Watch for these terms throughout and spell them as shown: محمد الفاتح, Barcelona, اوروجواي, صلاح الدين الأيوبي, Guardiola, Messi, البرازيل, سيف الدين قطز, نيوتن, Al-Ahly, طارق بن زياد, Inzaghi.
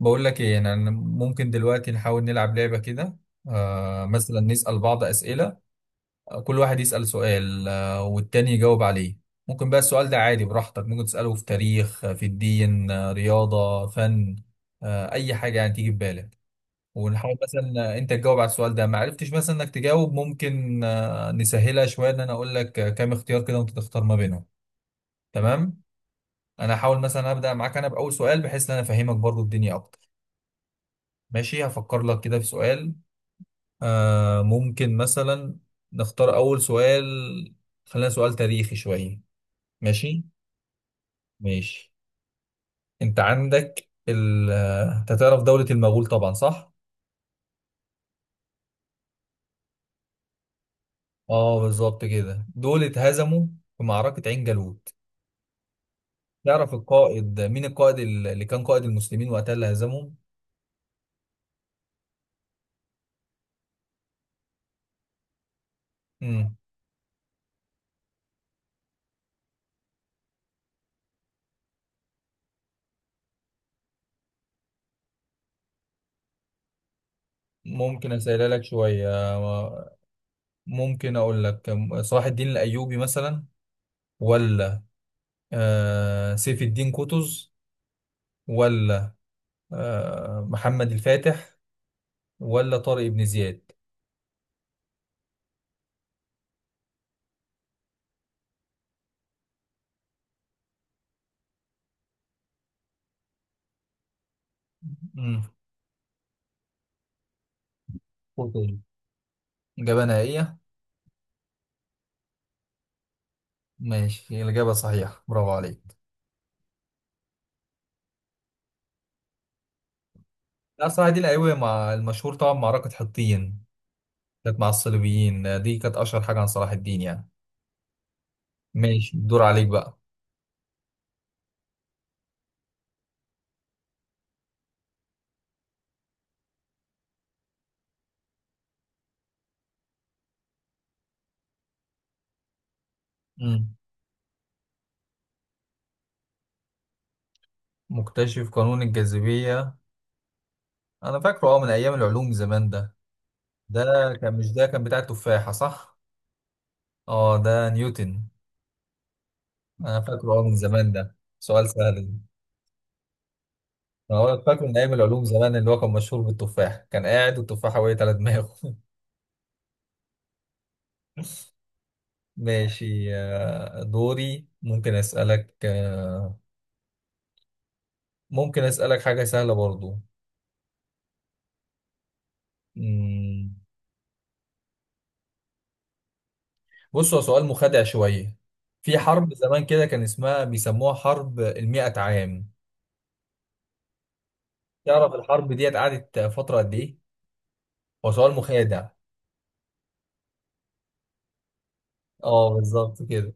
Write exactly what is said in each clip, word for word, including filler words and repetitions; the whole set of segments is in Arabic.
بقول لك ايه، يعني انا ممكن دلوقتي نحاول نلعب لعبة كده. آه، مثلا نسأل بعض أسئلة. آه، كل واحد يسأل سؤال آه والتاني يجاوب عليه. ممكن بقى السؤال ده عادي براحتك، ممكن تسأله في تاريخ، آه، في الدين، آه رياضة، فن، آه أي حاجة يعني تيجي في بالك. ونحاول مثلا، آه، أنت تجاوب على السؤال ده. ما عرفتش مثلا إنك تجاوب، ممكن آه نسهلها شوية، إن أنا أقول لك آه، كام اختيار كده وأنت تختار ما بينهم. تمام، أنا هحاول مثلا أبدأ معاك أنا بأول سؤال بحيث إن أنا أفهمك برضو الدنيا أكتر. ماشي، هفكر لك كده في سؤال. آه ممكن مثلا نختار أول سؤال. خلينا سؤال تاريخي شوية. ماشي ماشي. أنت عندك ال آه، أنت تعرف دولة المغول طبعا، صح؟ اه، بالظبط كده، دول اتهزموا في معركة عين جالوت. تعرف القائد مين، القائد ال- اللي كان قائد المسلمين وقتها اللي هزمهم؟ مم. ممكن أسألها لك شوية، ممكن أقول لك صلاح الدين الأيوبي مثلا، ولا آه سيف الدين قطز، ولا آه، محمد الفاتح، ولا طارق بن زياد. امم، قلت إيه؟ إجابة نهائية. ماشي، الإجابة صحيحة، برافو عليك. لا صراحة دي الأيوة مع المشهور طبعا معركة حطين، كانت مع الصليبيين. آه، دي كانت أشهر حاجة عن صلاح الدين يعني. ماشي، الدور عليك بقى. امم، مكتشف قانون الجاذبية. أنا فاكره أه من أيام العلوم زمان ده. ده كان، مش ده كان بتاع التفاحة، صح؟ أه، ده نيوتن. أنا فاكره أه من زمان، ده سؤال سهل. هو أنا فاكر من ايام العلوم زمان، اللي هو كان مشهور بالتفاح، كان قاعد والتفاحه وقعت على دماغه. ماشي، آه، دوري، ممكن اسالك، آه، ممكن اسالك حاجه سهله برضو. مم، بص، هو سؤال مخادع شويه. في حرب زمان كده كان اسمها، بيسموها حرب المئة عام. تعرف الحرب ديت قعدت فتره قد ايه؟ هو سؤال مخادع. اه بالظبط كده.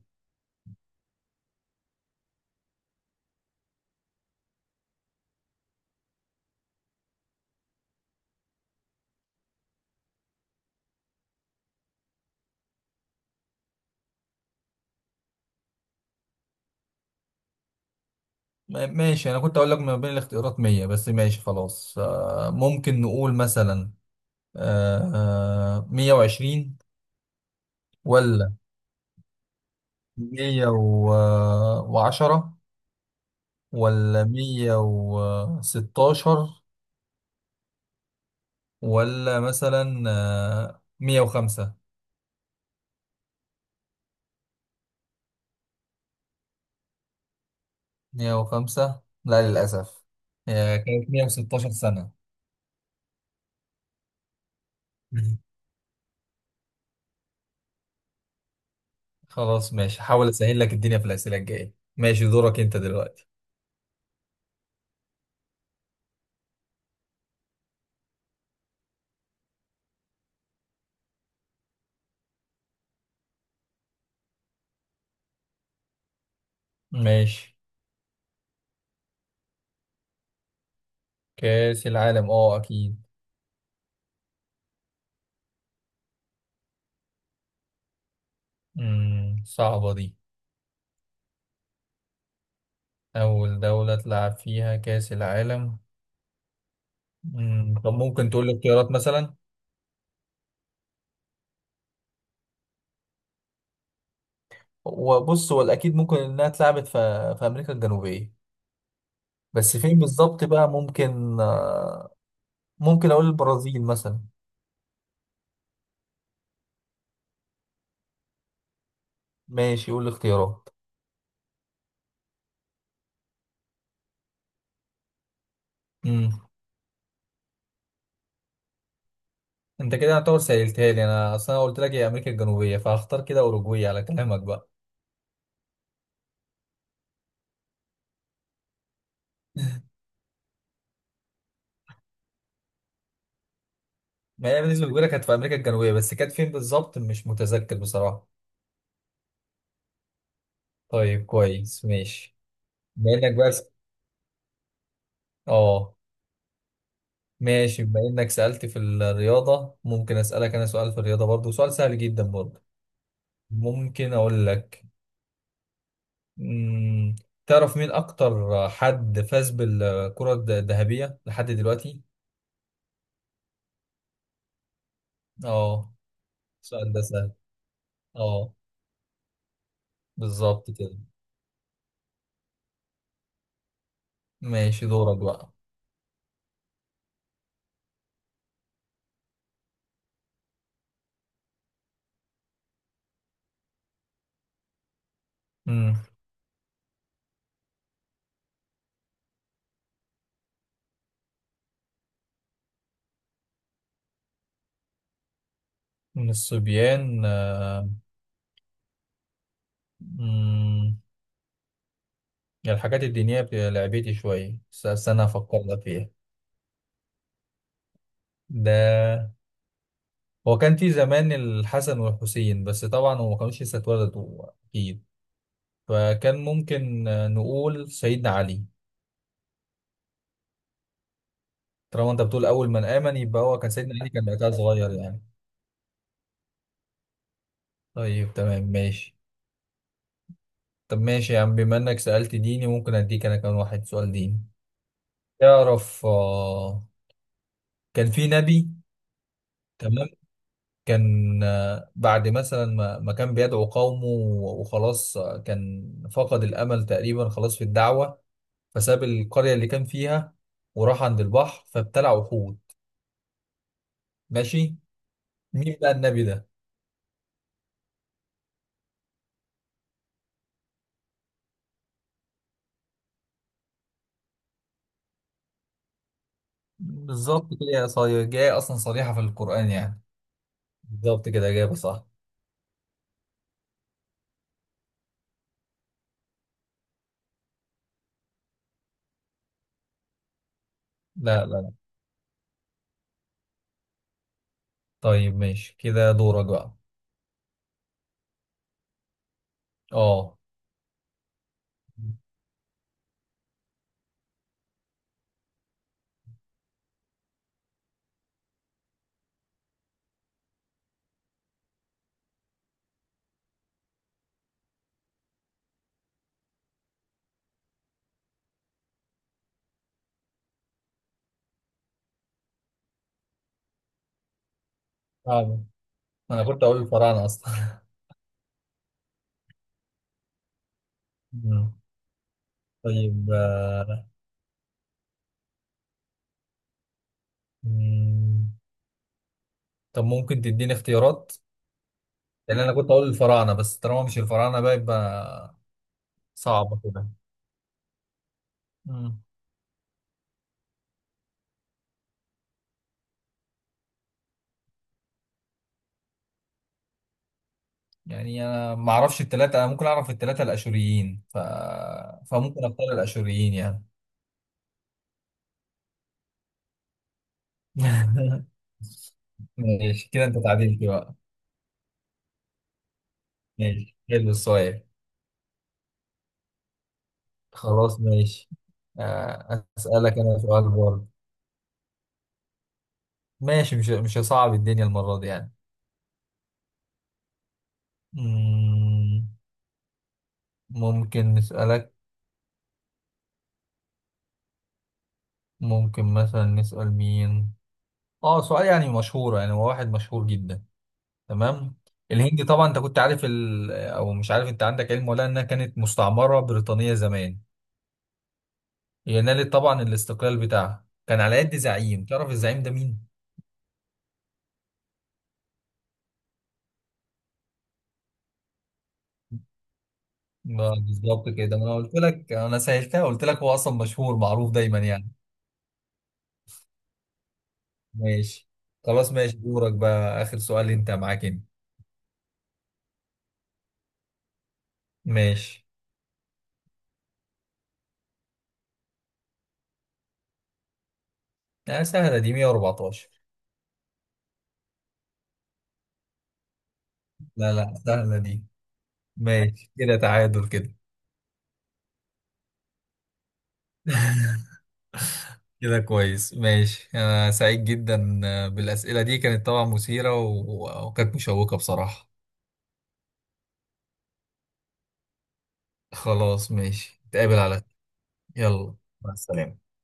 ما- ماشي، انا كنت اقول لك ما بين الاختيارات مية، بس ماشي خلاص. آه، ممكن نقول مثلا، آه، آه، مية وعشرين، ولا مية وعشرة، ولا مية وستاشر، ولا مثلا آه، مية وخمسة. مية وخمسة، لا للأسف. هي كانت مية وستاشر سنة. مم. خلاص ماشي، حاول أسهل لك الدنيا في الأسئلة الجاية. ماشي، دورك أنت دلوقتي. ماشي، كأس العالم، أه أكيد. مم، صعبة دي. أول دولة تلعب فيها كأس العالم. مم، طب ممكن تقول لي اختيارات مثلا. وبص، هو الأكيد ممكن إنها اتلعبت في في أمريكا الجنوبية، بس فين بالظبط بقى. ممكن آه، ممكن أقول البرازيل مثلا. ماشي، قول الاختيارات. مم. انت كده هتعتبر سهلتها لي، انا اصلا قلت لك هي امريكا الجنوبيه، فهختار كده اوروجواي على كلامك بقى. ما هي بالنسبه لي كانت في امريكا الجنوبيه، بس كانت فين بالظبط مش متذكر بصراحه. طيب كويس ماشي. بما انك بس، اه ماشي، بما انك سألت في الرياضة ممكن اسألك انا سؤال في الرياضة برضو، سؤال سهل جدا برضو. ممكن اقول لك، مم، تعرف مين اكتر حد فاز بالكرة الد- الذهبية لحد دلوقتي؟ اه، السؤال ده سهل. اه بالظبط كده. ماشي، دورك بقى. مم، من الصبيان، آه، مم، يعني الحاجات الدينية بتبقى لعبتي شوية، بس استنى افكر لك فيها. ده هو كان في زمان الحسن والحسين، بس طبعا هو ما كانوش لسه اتولدوا اكيد. فكان ممكن آه، نقول سيدنا علي. طالما انت بتقول اول من امن، يبقى هو كان سيدنا علي، كان وقتها صغير يعني. طيب تمام ماشي. طب ماشي يا عم، بما انك سألت ديني ممكن اديك انا كمان واحد سؤال ديني. تعرف آه، كان في نبي، تمام، كان آه، بعد مثلا ما ما كان بيدعو قومه، وخلاص آه، كان فقد الامل تقريبا خلاص في الدعوة، فساب القرية اللي كان فيها وراح عند البحر فابتلع وحود. ماشي، مين بقى النبي ده؟ بالظبط كده يا صايع، جاي اصلا صريحة في القرآن يعني. بالظبط كده، إجابة صح. لا لا لا. طيب ماشي كده، دورك بقى. اه فعلا. انا كنت اقول الفراعنة اصلا. مم. طيب آه، مم. طب ممكن تديني اختيارات؟ لان انا كنت اقول الفراعنة، بس طالما مش الفراعنة بقى يبقى صعبة كده. مم. يعني انا ما اعرفش التلاتة، انا ممكن اعرف التلاتة الاشوريين ف... فممكن اختار الاشوريين يعني. ماشي كده انت تعادلت بقى. ماشي، حلو السؤال. خلاص ماشي، آه، اسالك انا سؤال برضه. ماشي، مش مش هصعب الدنيا المرة دي يعني. مم، ممكن نسالك، ممكن مثلا نسال مين. اه سؤال يعني مشهور، يعني هو واحد مشهور جدا. تمام. الهند طبعا، انت كنت عارف ال... او مش عارف، انت عندك علم ولا انها كانت مستعمره بريطانيه زمان. هي نالت طبعا الاستقلال بتاعها، كان على يد زعيم. تعرف الزعيم ده مين؟ ما بالظبط كده، ما انا قلت لك انا سهلتها، قلت لك هو اصلا مشهور معروف دايما يعني. ماشي. خلاص ماشي، دورك بقى، اخر سؤال انت معاك انت. ماشي، آه سهله دي، مية وأربعتاشر. لا لا سهله دي. ماشي كده، تعادل. كده كده كويس ماشي، أنا سعيد جدا، آه، بالأسئلة دي كانت طبعا مثيرة و- وكانت مشوقة بصراحة. خلاص ماشي، نتقابل على، يلا، مع السلامة.